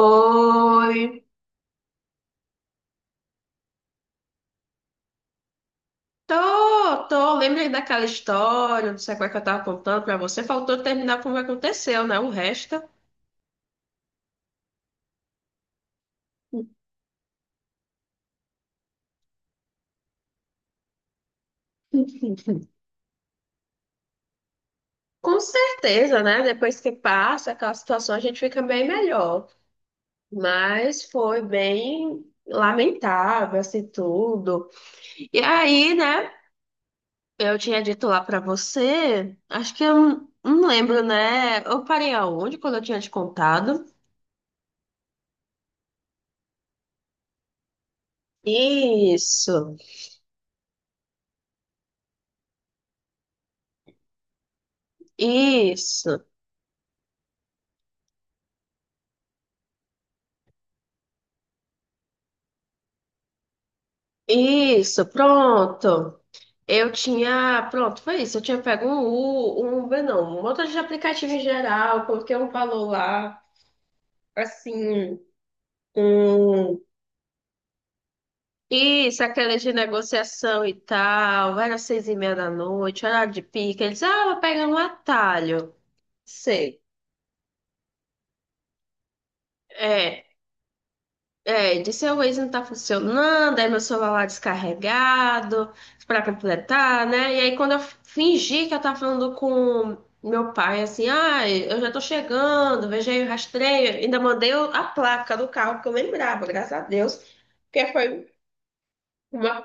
Oi, tô, lembrei daquela história, não sei qual é que eu tava contando pra você, faltou terminar como aconteceu, né? O resto, com certeza, né? Depois que passa aquela situação, a gente fica bem melhor, mas foi bem lamentável, assim, tudo. E aí, né, eu tinha dito lá pra você, acho que eu não lembro, né? Eu parei aonde quando eu tinha te contado? Isso, isso. Isso, pronto. Eu tinha, pronto, foi isso. Eu tinha pego um Uber, não, um motor de aplicativo em geral, coloquei um valor lá, assim, um. Isso, aquela de negociação e tal, era 6:30 da noite, horário de pique. Eles, ah, vou pegar um atalho. Sei. É. É, disse, o Waze não tá funcionando, aí meu celular lá descarregado, pra completar, né? E aí quando eu fingi que eu tava falando com meu pai, assim, ah, eu já tô chegando, veja aí o rastreio, ainda mandei a placa do carro, porque eu lembrava, graças a Deus, porque foi uma...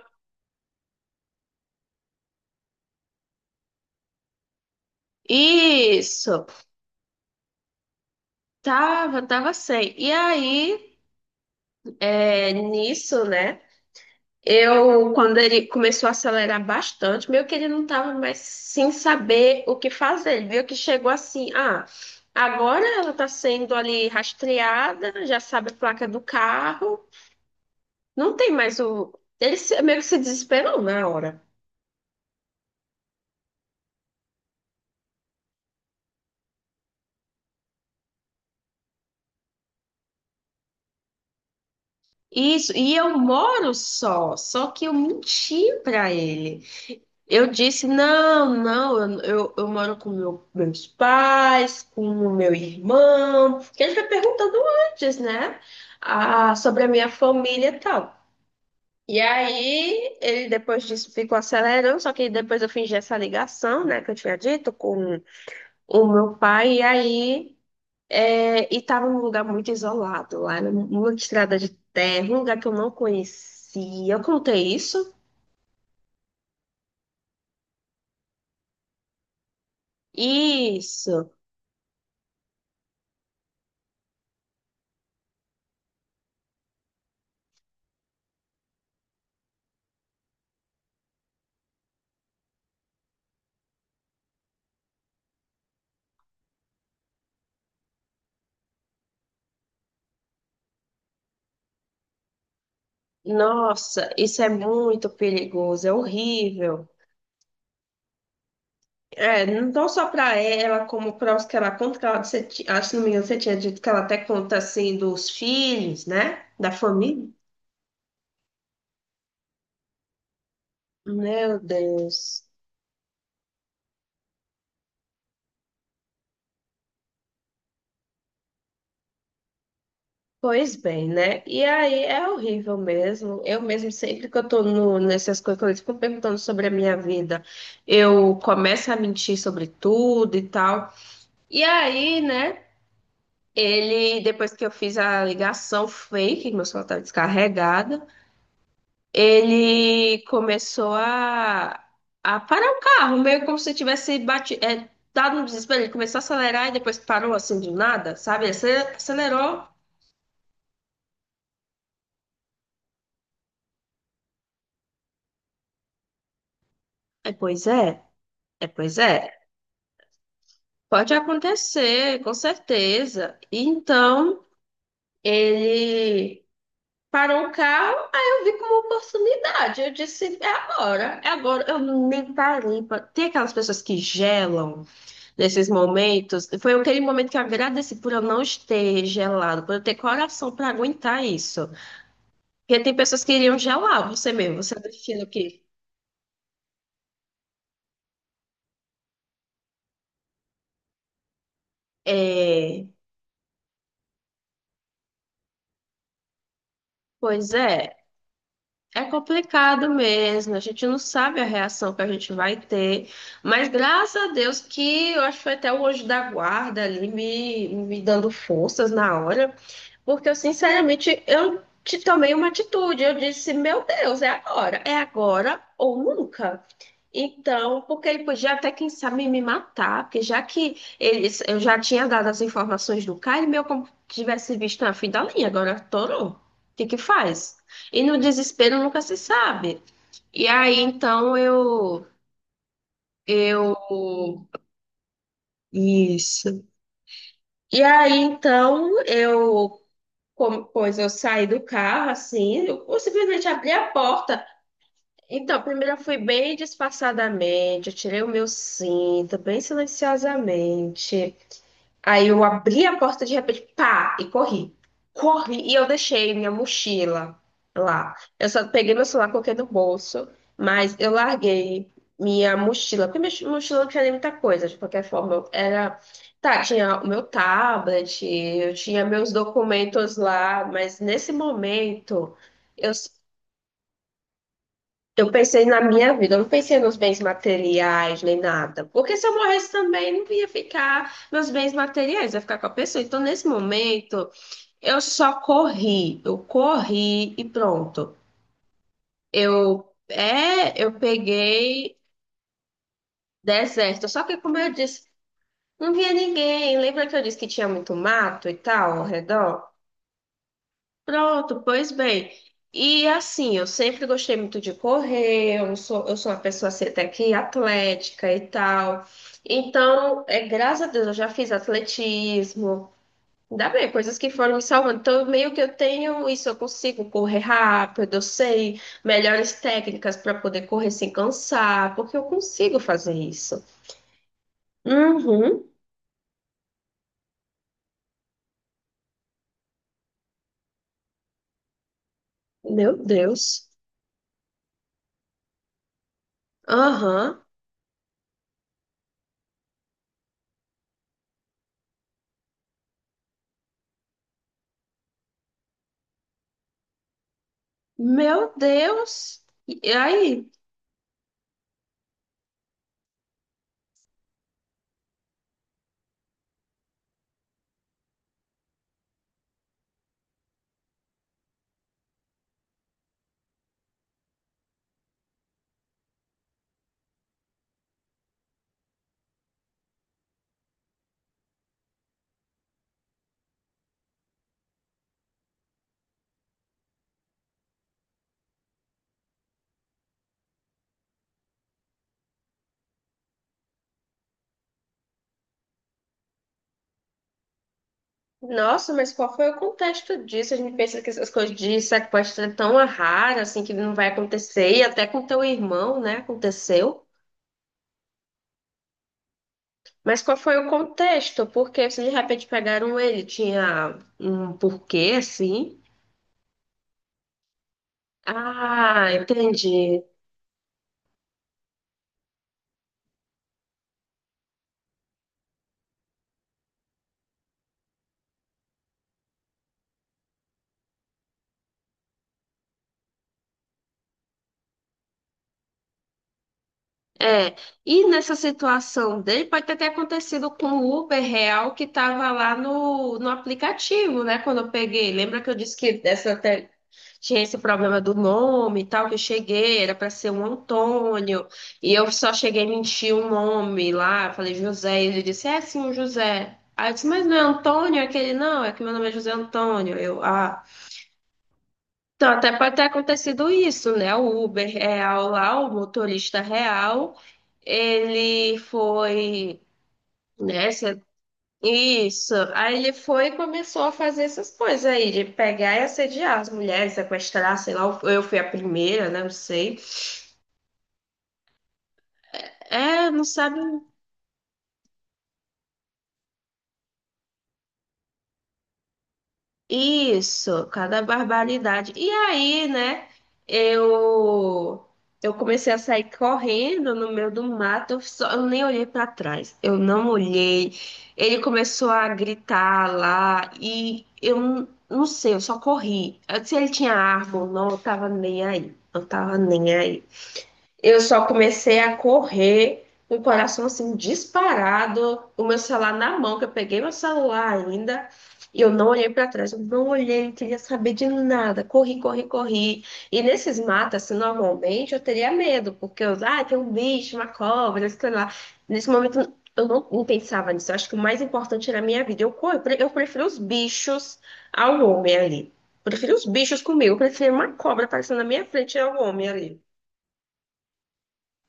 Isso, tava sem. E aí, é, nisso, né? Eu, quando ele começou a acelerar bastante, meio que ele não estava mais sem saber o que fazer. Ele viu que chegou assim, ah, agora ela está sendo ali rastreada, já sabe a placa do carro, não tem mais o. Ele meio que se desesperou na hora. Isso, e eu moro só, só que eu menti para ele. Eu disse, não, não, eu moro com meus pais, com o meu irmão, que a gente vai perguntando antes, né? Ah, sobre a minha família e tal. E aí, ele depois disso ficou acelerando, só que depois eu fingi essa ligação, né, que eu tinha dito com o meu pai, e aí, é, e tava num lugar muito isolado, lá numa estrada de terra, um lugar que eu não conhecia. Eu contei isso? Isso. Nossa, isso é muito perigoso, é horrível. É, não só para ela, como para os que ela conta, que ela, você, acho que não me engano, você tinha dito que ela até conta assim dos filhos, né? Da família. Meu Deus. Pois bem, né? E aí é horrível mesmo. Eu mesmo, sempre que eu tô no, nessas coisas, quando eles ficam perguntando sobre a minha vida, eu começo a mentir sobre tudo e tal. E aí, né? Ele, depois que eu fiz a ligação fake, meu celular estava descarregado, ele começou a, parar o carro, meio como se tivesse batido, é, dado um desespero. Ele começou a acelerar e depois parou assim do nada, sabe? Ele acelerou. É, pois é, é, pois é. Pode acontecer, com certeza. Então, ele parou o carro, aí eu vi como oportunidade. Eu disse, é agora, é agora. Eu nem parei. Tem aquelas pessoas que gelam nesses momentos. Foi aquele momento que eu agradeci por eu não ter gelado, por eu ter coração para aguentar isso. Porque tem pessoas que iriam gelar você mesmo, você é do que. É, pois é. É complicado mesmo, a gente não sabe a reação que a gente vai ter, mas graças a Deus que eu acho que foi até o anjo da guarda ali me dando forças na hora, porque eu sinceramente eu te tomei uma atitude, eu disse, meu Deus, é agora ou nunca. Então, porque ele podia até, quem sabe, me matar, porque já que eles, eu já tinha dado as informações do cara, ele meio como tivesse visto na fim da linha, agora torou. O que que faz? E no desespero nunca se sabe. E aí, então, Eu... Isso. E aí, então, Pois eu saí do carro, assim, eu simplesmente abri a porta. Então, primeiro eu fui bem disfarçadamente, eu tirei o meu cinto, bem silenciosamente. Aí eu abri a porta de repente, pá, e corri. Corri e eu deixei minha mochila lá. Eu só peguei meu celular, coloquei no bolso, mas eu larguei minha mochila, porque minha mochila não tinha nem muita coisa, de qualquer forma. Eu era. Tá, tinha o meu tablet, eu tinha meus documentos lá, mas nesse momento. Eu, eu pensei na minha vida, eu não pensei nos bens materiais nem nada. Porque se eu morresse também, não ia ficar nos bens materiais, ia ficar com a pessoa. Então, nesse momento, eu só corri, eu corri e pronto. Eu, é, eu peguei deserto. Só que, como eu disse, não via ninguém. Lembra que eu disse que tinha muito mato e tal ao redor? Pronto, pois bem. E assim, eu sempre gostei muito de correr, eu sou uma pessoa assim, até que atlética e tal. Então, é, graças a Deus, eu já fiz atletismo. Ainda bem, coisas que foram me salvando. Então, meio que eu tenho isso, eu consigo correr rápido, eu sei melhores técnicas para poder correr sem cansar, porque eu consigo fazer isso. Uhum, meu Deus. Aham, meu Deus. E aí? Nossa, mas qual foi o contexto disso? A gente pensa que essas coisas de sequestro é tão rara, assim, que não vai acontecer, e até com teu irmão, né, aconteceu. Mas qual foi o contexto? Porque se de repente pegaram ele, tinha um porquê, assim. Ah, entendi. É, e nessa situação dele, pode ter até acontecido com o Uber real que estava lá no aplicativo, né, quando eu peguei. Lembra que eu disse que essa tinha esse problema do nome e tal, que eu cheguei, era para ser um Antônio, e eu só cheguei a mentir o nome lá, falei José, e ele disse, é sim, um José. Aí eu disse, mas não é Antônio? É aquele, não, é que meu nome é José Antônio. Eu, ah. Então, até pode ter acontecido isso, né? O Uber real lá, o motorista real, ele foi, né, se isso. Aí ele foi e começou a fazer essas coisas aí, de pegar e assediar as mulheres, sequestrar, sei lá, eu fui a primeira, né? Não sei. É, não sabe. Isso, cada barbaridade. E aí, né, eu eu comecei a sair correndo no meio do mato, eu, só, eu nem olhei para trás, eu não olhei. Ele começou a gritar lá e eu não sei, eu só corri. Se ele tinha árvore ou não, eu tava nem aí. Eu tava nem aí. Eu só comecei a correr, com o coração assim disparado, o meu celular na mão, que eu peguei meu celular ainda, e eu não olhei para trás, eu não olhei, não queria saber de nada. Corri, corri, corri. E nesses matas, assim, normalmente eu teria medo, porque eu, ah, tem um bicho, uma cobra, sei lá. Nesse momento eu não pensava nisso. Eu acho que o mais importante era a minha vida. Eu, eu prefiro os bichos ao homem ali. Prefiro os bichos comigo, eu prefiro uma cobra aparecendo na minha frente ao homem ali.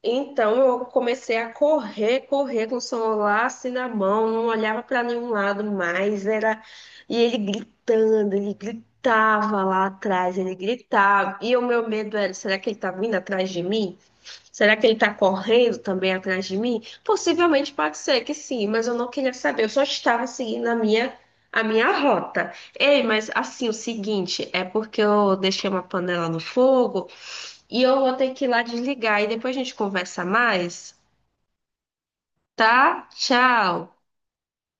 Então eu comecei a correr, correr com o celular assim na mão, não olhava para nenhum lado mais, era e ele gritando, ele gritava lá atrás, ele gritava. E o meu medo era, será que ele tá vindo atrás de mim? Será que ele tá correndo também atrás de mim? Possivelmente pode ser que sim, mas eu não queria saber, eu só estava seguindo a minha rota. Ei, mas assim, o seguinte, é porque eu deixei uma panela no fogo, e eu vou ter que ir lá desligar e depois a gente conversa mais, tá? Tchau.